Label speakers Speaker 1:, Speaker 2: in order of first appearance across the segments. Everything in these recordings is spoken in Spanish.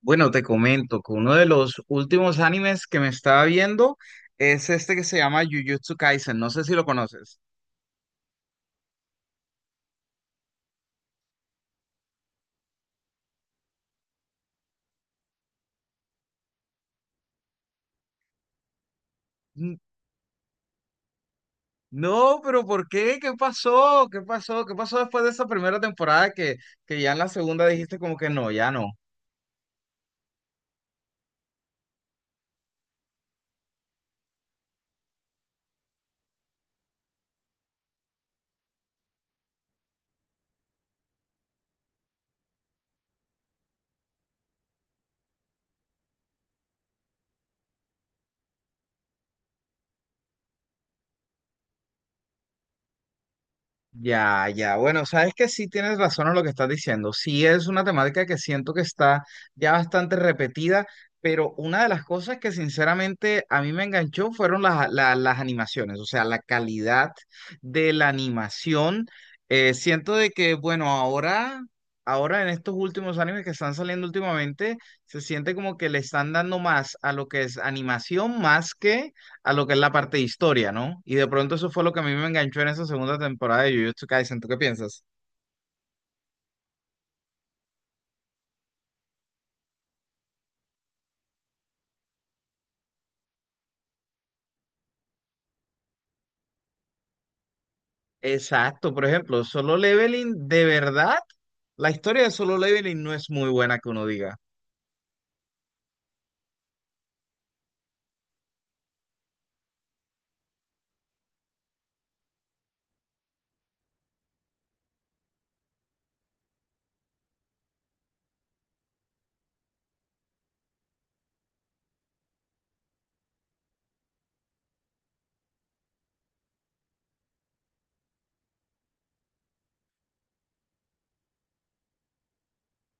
Speaker 1: Bueno, te comento que uno de los últimos animes que me estaba viendo es este que se llama Jujutsu Kaisen. No sé si lo conoces. N- No, pero ¿por qué? ¿Qué pasó? ¿Qué pasó? ¿Qué pasó después de esa primera temporada que ya en la segunda dijiste como que no, ya no? Ya, ya. Bueno, sabes que sí tienes razón en lo que estás diciendo. Sí es una temática que siento que está ya bastante repetida, pero una de las cosas que sinceramente a mí me enganchó fueron las animaciones, o sea, la calidad de la animación. Siento de que, bueno, ahora en estos últimos animes que están saliendo últimamente, se siente como que le están dando más a lo que es animación más que a lo que es la parte de historia, ¿no? Y de pronto eso fue lo que a mí me enganchó en esa segunda temporada de Jujutsu Kaisen. ¿Tú qué piensas? Exacto, por ejemplo, Solo Leveling, de verdad, la historia de Solo Leveling no es muy buena que uno diga.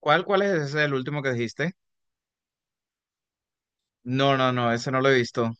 Speaker 1: ¿Cuál es ese, el último que dijiste? No, no, no, ese no lo he visto.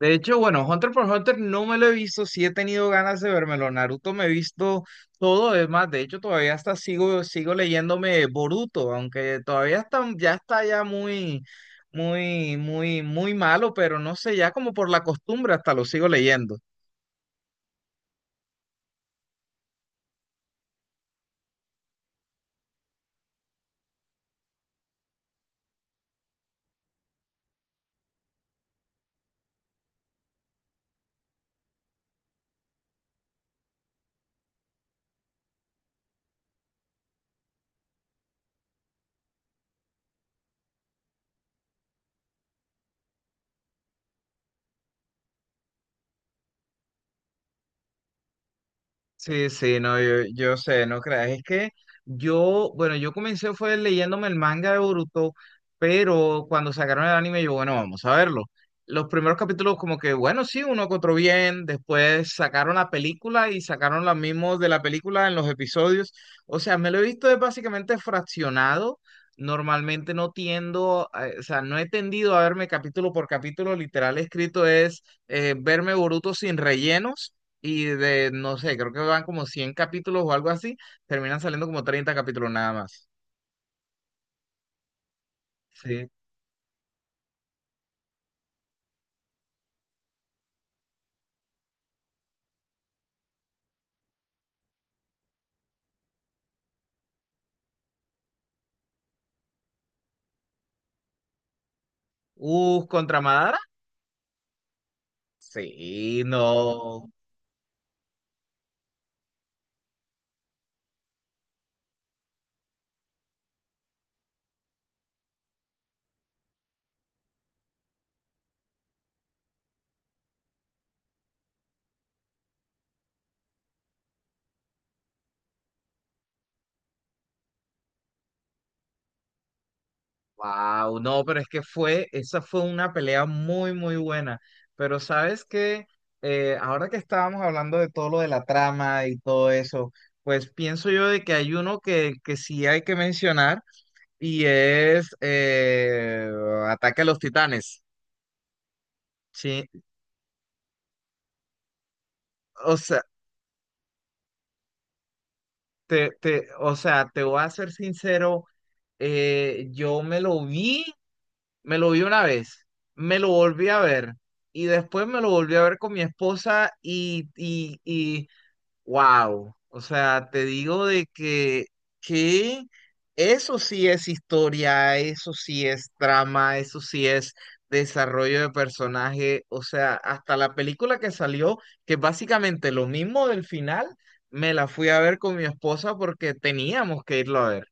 Speaker 1: De hecho, bueno, Hunter por Hunter no me lo he visto, sí he tenido ganas de vérmelo. Naruto me he visto todo, es más, de hecho todavía hasta sigo leyéndome Boruto, aunque todavía está ya muy, muy, muy, muy malo, pero no sé, ya como por la costumbre hasta lo sigo leyendo. Sí, sí, no, yo sé, no creas. Es que yo comencé fue leyéndome el manga de Boruto, pero cuando sacaron el anime, yo, bueno, vamos a verlo. Los primeros capítulos, como que, bueno, sí, uno que otro bien. Después sacaron la película y sacaron los mismos de la película en los episodios. O sea, me lo he visto es básicamente fraccionado. Normalmente no tiendo, o sea, no he tendido a verme capítulo por capítulo. Literal escrito es verme Boruto sin rellenos y de, no sé, creo que van como 100 capítulos o algo así, terminan saliendo como 30 capítulos nada más. Sí. Contra Madara. Sí, no. Wow, no, pero es que fue, esa fue una pelea muy, muy buena. Pero sabes que ahora que estábamos hablando de todo lo de la trama y todo eso, pues pienso yo de que hay uno que sí hay que mencionar y es Ataque a los Titanes. Sí, o sea, o sea, te voy a ser sincero, yo me lo vi una vez, me lo volví a ver y después me lo volví a ver con mi esposa wow, o sea, te digo de que eso sí es historia, eso sí es trama, eso sí es desarrollo de personaje, o sea, hasta la película que salió, que es básicamente lo mismo del final, me la fui a ver con mi esposa porque teníamos que irlo a ver.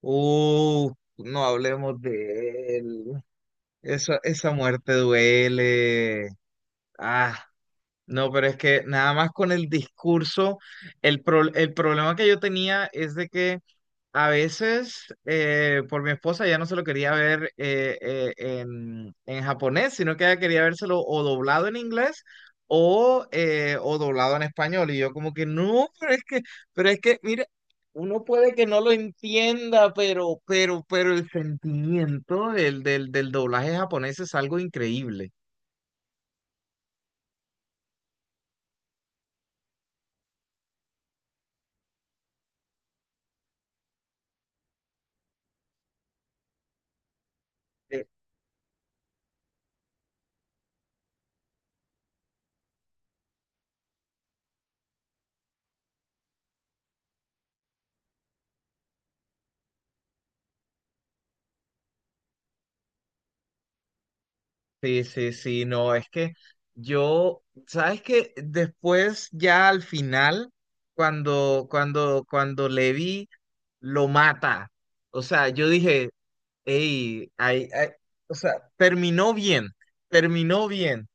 Speaker 1: Uh, no hablemos de él. Esa muerte duele. Ah. No, pero es que nada más con el discurso, el problema que yo tenía es de que a veces por mi esposa ya no se lo quería ver en japonés, sino que ella quería vérselo o doblado en inglés o doblado en español. Y yo como que no, pero es que, mira, uno puede que no lo entienda, pero el sentimiento del doblaje japonés es algo increíble. Sí, sí, sí, no, es que yo, sabes que después ya al final, cuando Levi lo mata, o sea, yo dije, "hey, ay, ay", o sea, terminó bien, terminó bien.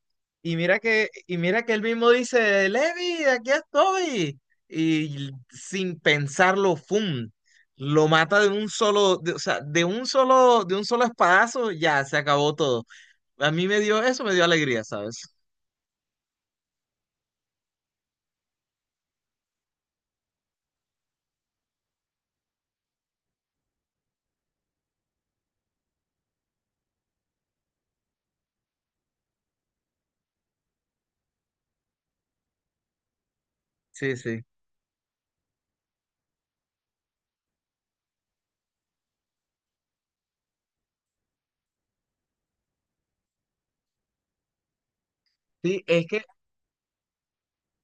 Speaker 1: Y mira que él mismo dice, Levi, aquí estoy. Y sin pensarlo, ¡fum! Lo mata de un solo, de- o sea, de un solo espadazo, ya se acabó todo. A mí me dio, eso me dio alegría, ¿sabes? Sí, sí. Sí,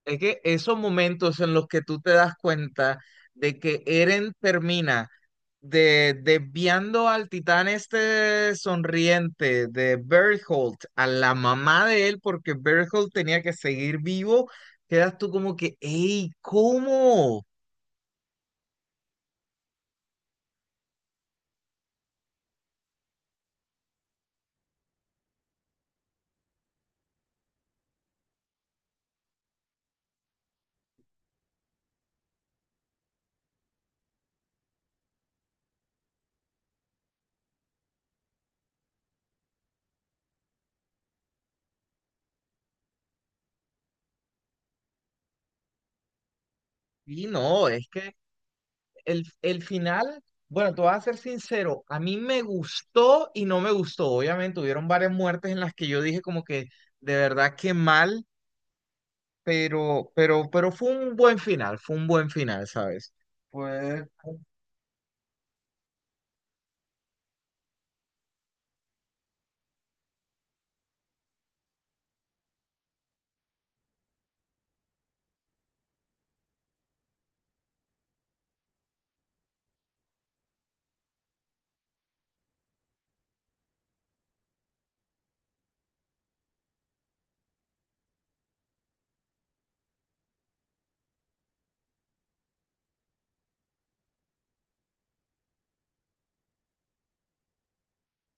Speaker 1: es que esos momentos en los que tú te das cuenta de que Eren termina desviando al titán este sonriente de Bertholdt, a la mamá de él, porque Bertholdt tenía que seguir vivo, quedas tú como que, ¡ey, cómo! Y no, es que el final, bueno, te voy a ser sincero, a mí me gustó y no me gustó. Obviamente, hubieron varias muertes en las que yo dije como que de verdad que mal, pero fue un buen final, fue un buen final, ¿sabes? Pues,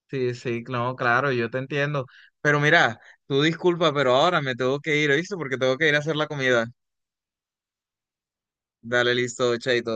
Speaker 1: sí, sí, claro, claro, yo te entiendo. Pero mira, tú disculpa, pero ahora me tengo que ir, ¿oíste? Porque tengo que ir a hacer la comida. Dale, listo, chaito.